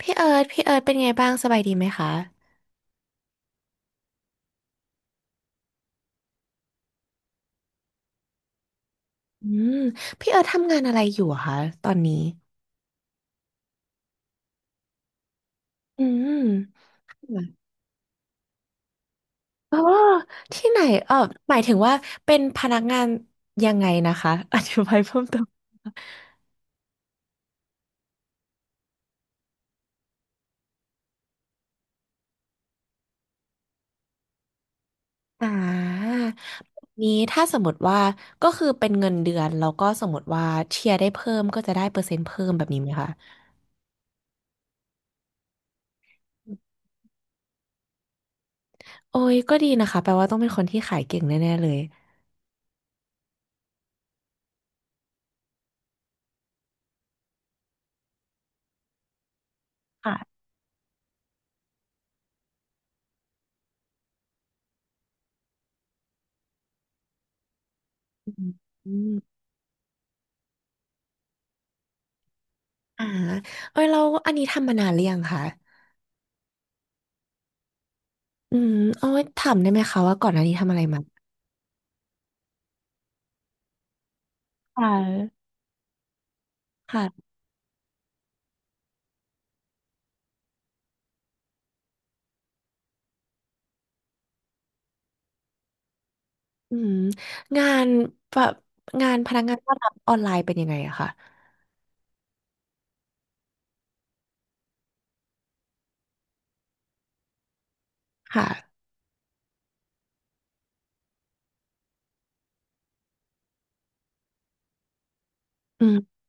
พี่เอิร์ธพี่เอิร์ธเป็นไงบ้างสบายดีไหมคะอืมพี่เอิร์ธทำงานอะไรอยู่อะคะตอนนี้อืมอ๋อที่ไหนเออหมายถึงว่าเป็นพนักงานยังไงนะคะ อธิบายเพิ่มเติมอ่าแบบนี้ถ้าสมมติว่าก็คือเป็นเงินเดือนแล้วก็สมมติว่าเชียร์ได้เพิ่มก็จะได้เปอร์เซ็นต์เพิ่มแบบนี้ไหมคะโอ้ยก็ดีนะคะแปลว่าต้องเป็นคนที่ขายเก่งแน่ๆเลยค่ะอืมอมอ่าเอ้ยเราอันนี้ทำมานานหรือยังคะ อืมเอาไว้ถามได้ไหมคะว่าก่อนหน้านี้ทำอะไรมาค่ะค่ะอืมงานแบบงานพนักงานต้อนรับออนไลน์เป็นยังไงอะค่ะค่ะอืม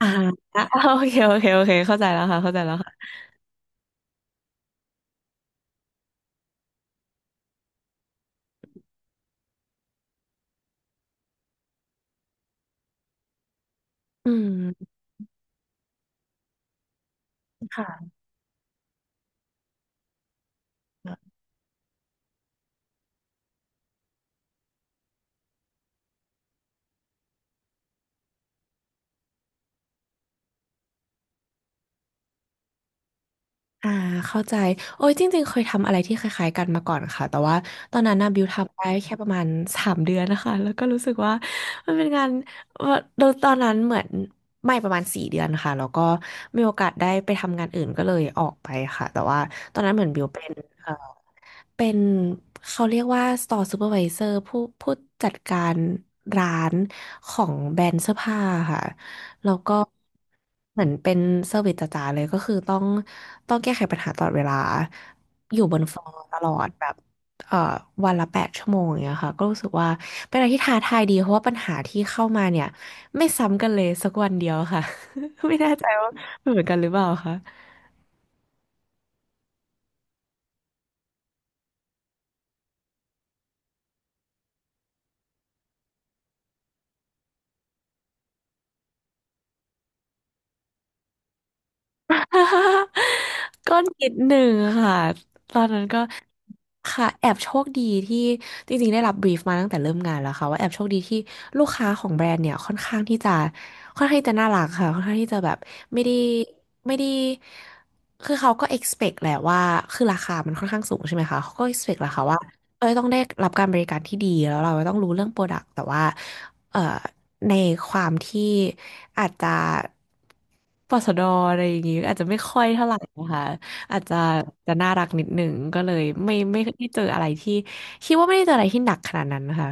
อ่าโอเคโอเคโอเคเข้าใจแล้วค่ะเข้าใจแล้วค่ะอืมค่ะ อ่าเข้าใจโอ้ยจริงๆเคยทำอะไรที่คล้ายๆกันมาก่อนค่ะแต่ว่าตอนนั้นนะบิวทำได้แค่ประมาณ3 เดือนนะคะแล้วก็รู้สึกว่ามันเป็นงานว่าโดยตอนนั้นเหมือนไม่ประมาณ4 เดือนค่ะแล้วก็มีโอกาสได้ไปทำงานอื่นก็เลยออกไปค่ะแต่ว่าตอนนั้นเหมือนบิวเป็นเอ่อเป็นเขาเรียกว่า store supervisor ผู้จัดการร้านของแบรนด์เสื้อผ้าค่ะ แล้วก็เหมือนเป็นเซอร์วิสจ๋าๆเลยก็คือต้องแก้ไขปัญหาตลอดเวลาอยู่บนฟลอร์ตลอดแบบเอ่อวันละ8 ชั่วโมงอย่างเงี้ยค่ะก็รู้สึกว่าเป็นอะไรที่ท้าทายดีเพราะว่าปัญหาที่เข้ามาเนี่ยไม่ซ้ำกันเลยสักวันเดียวค่ะ ไม่แน่ใจว่าเหมือนกันหรือเปล่าคะ ก็นิดหนึ่งค่ะตอนนั้นก็ค่ะแอบโชคดีที่จริงๆได้รับบรีฟมาตั้งแต่เริ่มงานแล้วค่ะว่าแอบโชคดีที่ลูกค้าของแบรนด์เนี่ยค่อนข้างที่จะค่อนข้างที่จะน่ารักค่ะค่อนข้างที่จะแบบไม่ได้ไม่ได้คือเขาก็ expect แหละว่าคือราคามันค่อนข้างสูงใช่ไหมคะเขาก็ expect แหละค่ะว่าเอ้ยต้องได้รับการบริการที่ดีแล้วเราต้องรู้เรื่องโปรดักต์แต่ว่าเอ่อ ในความที่อาจจะปสดอะไรอย่างงี้อาจจะไม่ค่อยเท่าไหร่นะคะอาจจะจะน่ารักนิดหนึ่งก็เลยไม่ได้เจออะไรที่คิดว่าไม่ได้เจออะไรที่หนักขนาดนั้นนะคะ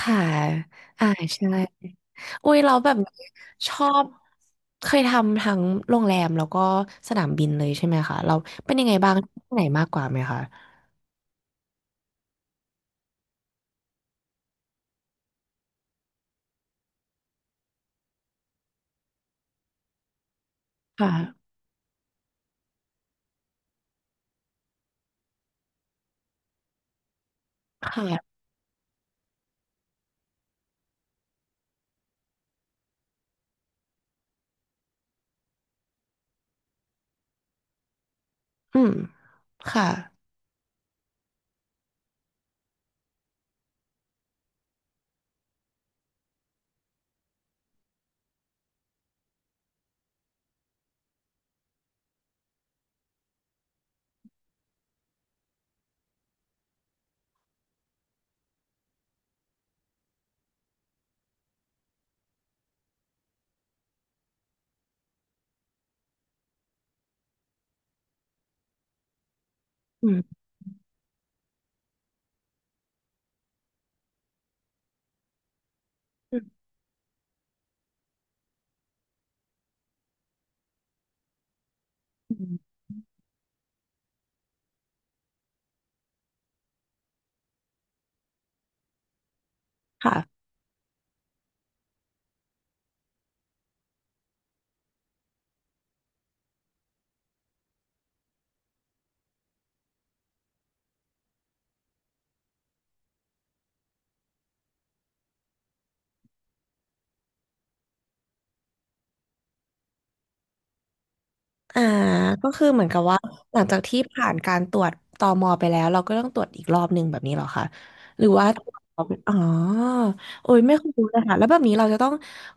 ค่ะอ่าใช่อุ้ยเราแบบชอบเคยทำทั้งโรงแรมแล้วก็สนามบินเลยใช่ไหมคะเราเป็นยังไงบ้างที่ไหนมากกว่าไหมคะค่ะค่ะอืมค่ะอืมอืมอืมค่ะ อ่าก็คือเหมือนกับว่าหลังจากที่ผ่านการตรวจตมไปแล้วเราก็ต้องตรวจอีกรอบหนึ่งแบบนี้เหรอคะหรือว่าอ๋อโอ้ยไม่เคยรู้เลยค่ะแล้วแบบนี้เราจะต้อง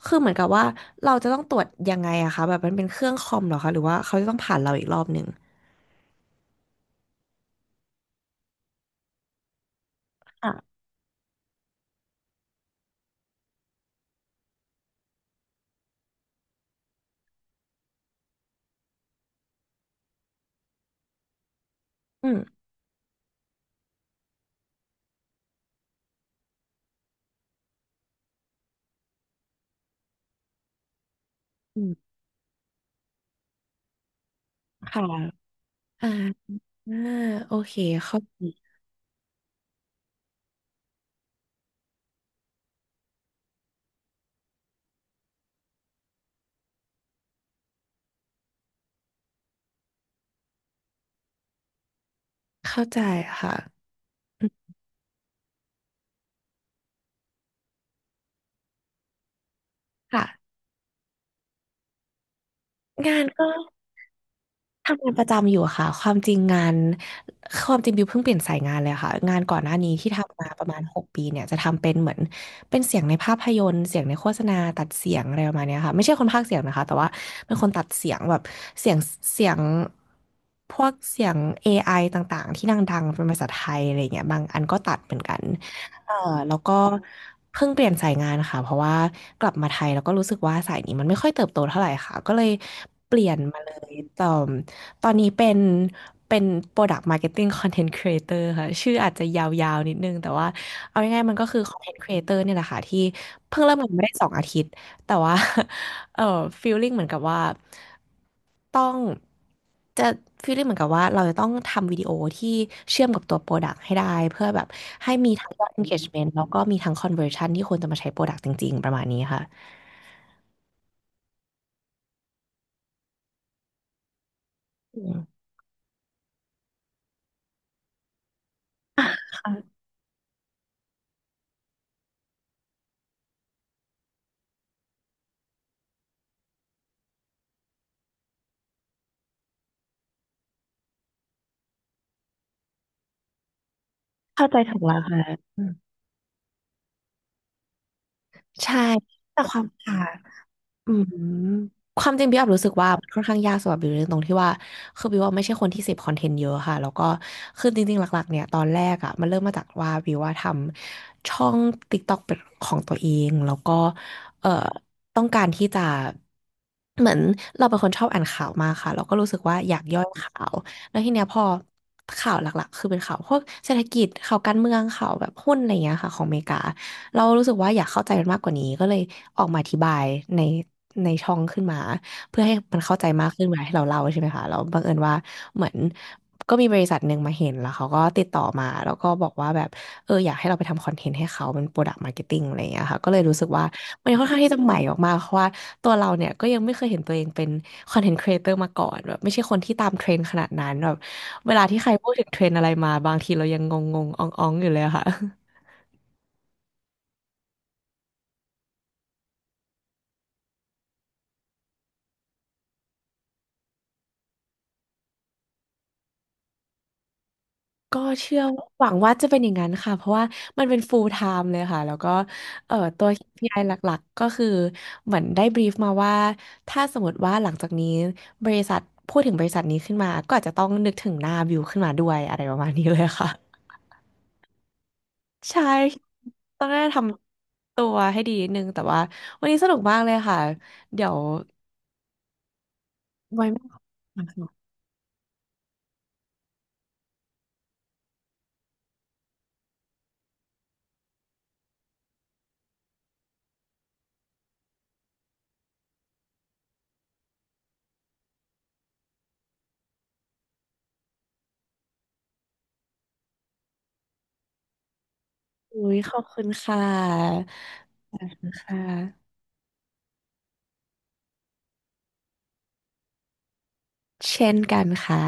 คือเหมือนกับว่าเราจะต้องตรวจยังไงอะคะแบบมันเป็นเครื่องคอมเหรอคะหรือว่าเขาจะต้องผ่านเราอีกรอบหนึ่งอ่ะอืมอืมค่ะอ่าอ่าโอเคเข้าใจเข้าใจค่ะอืมค่ะงานก็ ทำงานประจำอยู่ค่ะความจริงงานความจริงบิวเพิ่งเปลี่ยนสายงานเลยค่ะงานก่อนหน้านี้ที่ทำมาประมาณ6 ปีเนี่ยจะทำเป็นเหมือนเป็นเสียงในภาพยนตร์เสียงในโฆษณาตัดเสียงอะไรประมาณเนี้ยค่ะไม่ใช่คนพากย์เสียงนะคะแต่ว่าเป็นคนตัดเสียงแบบเสียงเสียงพวกเสียง AI ต่างๆที่ดังๆเป็นภาษาไทยอะไรเงี้ยบางอันก็ตัดเหมือนกัน เออแล้วก็เพิ่งเปลี่ยนสายงานค่ะเพราะว่ากลับมาไทยแล้วก็รู้สึกว่าสายนี้มันไม่ค่อยเติบโตเท่าไหร่ค่ะก็เลยเปลี่ยนมาเลยตอนนี้เป็น Product Marketing Content Creator ค่ะชื่ออาจจะยาวๆนิดนึงแต่ว่าเอาง่ายๆมันก็คือ Content Creator เนี่ยแหละค่ะที่เพิ่งเริ่มงานมาได้2 อาทิตย์ แต่ว่า เออฟีลลิ่งเหมือนกับว่าต้องจะฟีลลิ่งเหมือนกับว่าเราจะต้องทำวิดีโอที่เชื่อมกับตัวโปรดักต์ให้ได้เพื่อแบบให้มีทั้งยอด engagement แล้วก็มีทั้ง conversion ที่คนจะมาใช้โปรดักต์จริงๆ ประมาณนี้ค่ะอืมอ่ะค่ะเข้าใจถูกแล้วค่ะอืมใช่แต่ความค่าง อืมความจริงพี่อับรู้สึกว่ามันค่อนข้างยากสำหรับบิวในตรงที่ว่าคือบิวว่าไม่ใช่คนที่เสพคอนเทนต์เยอะค่ะแล้วก็คือจริงๆหลักๆเนี่ยตอนแรกอ่ะมันเริ่มมาจากว่าบิวว่าทำช่อง TikTok เป็นของตัวเองแล้วก็เอ่อต้องการที่จะเหมือนเราเป็นคนชอบอ่านข่าวมากค่ะแล้วก็รู้สึกว่าอยากย่อยข่าวแล้วทีเนี้ยพอข่าวหลักๆคือเป็นข่าวพวกเศรษฐกิจข่าวการเมืองข่าวแบบหุ้นอะไรเงี้ยค่ะของอเมริกา เรารู้สึกว่าอยากเข้าใจมันมากกว่านี้ก็เลยออกมาอธิบายในในช่องขึ้นมาเพื่อให้มันเข้าใจมากขึ้นเวลาที่เราเล่าใช่ไหมคะแล้วบังเอิญว่าเหมือนก็มีบริษัทหนึ่งมาเห็นแล้วเขาก็ติดต่อมาแล้วก็บอกว่าแบบเอออยากให้เราไปทำคอนเทนต์ให้เขาเป็นโปรดักต์มาร์เก็ตติ้งอะไรอย่างเงี้ยค่ะก็เลยรู้สึกว่ามันค่อนข้างที่จะใหม่มากๆเพราะว่าตัวเราเนี่ยก็ยังไม่เคยเห็นตัวเองเป็นคอนเทนต์ครีเอเตอร์มาก่อนแบบไม่ใช่คนที่ตามเทรนด์ขนาดนั้นแบบเวลาที่ใครพูดถึงเทรนด์อะไรมาบางทีเรายังงงๆอ่องๆอยู่เลยอะค่ะ ก็เชื่อว่าหวังว่าจะเป็นอย่างนั้นค่ะเพราะว่ามันเป็น full time เลยค่ะแล้วก็ตัว k ไ i หลักๆก็คือเหมือนได้บรีฟมาว่าถ้าสมมติว่าหลังจากนี้บริษัทพูดถึงบริษัทนี้ขึ้นมาก็อาจจะต้องนึกถึงหน้าบิวขึ้นมาด้วยอะไรประมาณนี้เลยค่ะใช่ต้องได้ทำตัวให้ดีนิดนึงแต่ว่าวันนี้สนุกมากเลยค่ะเดี๋ยวไว้มาคุยขอบคุณค่ะค่ะเช่นกันค่ะ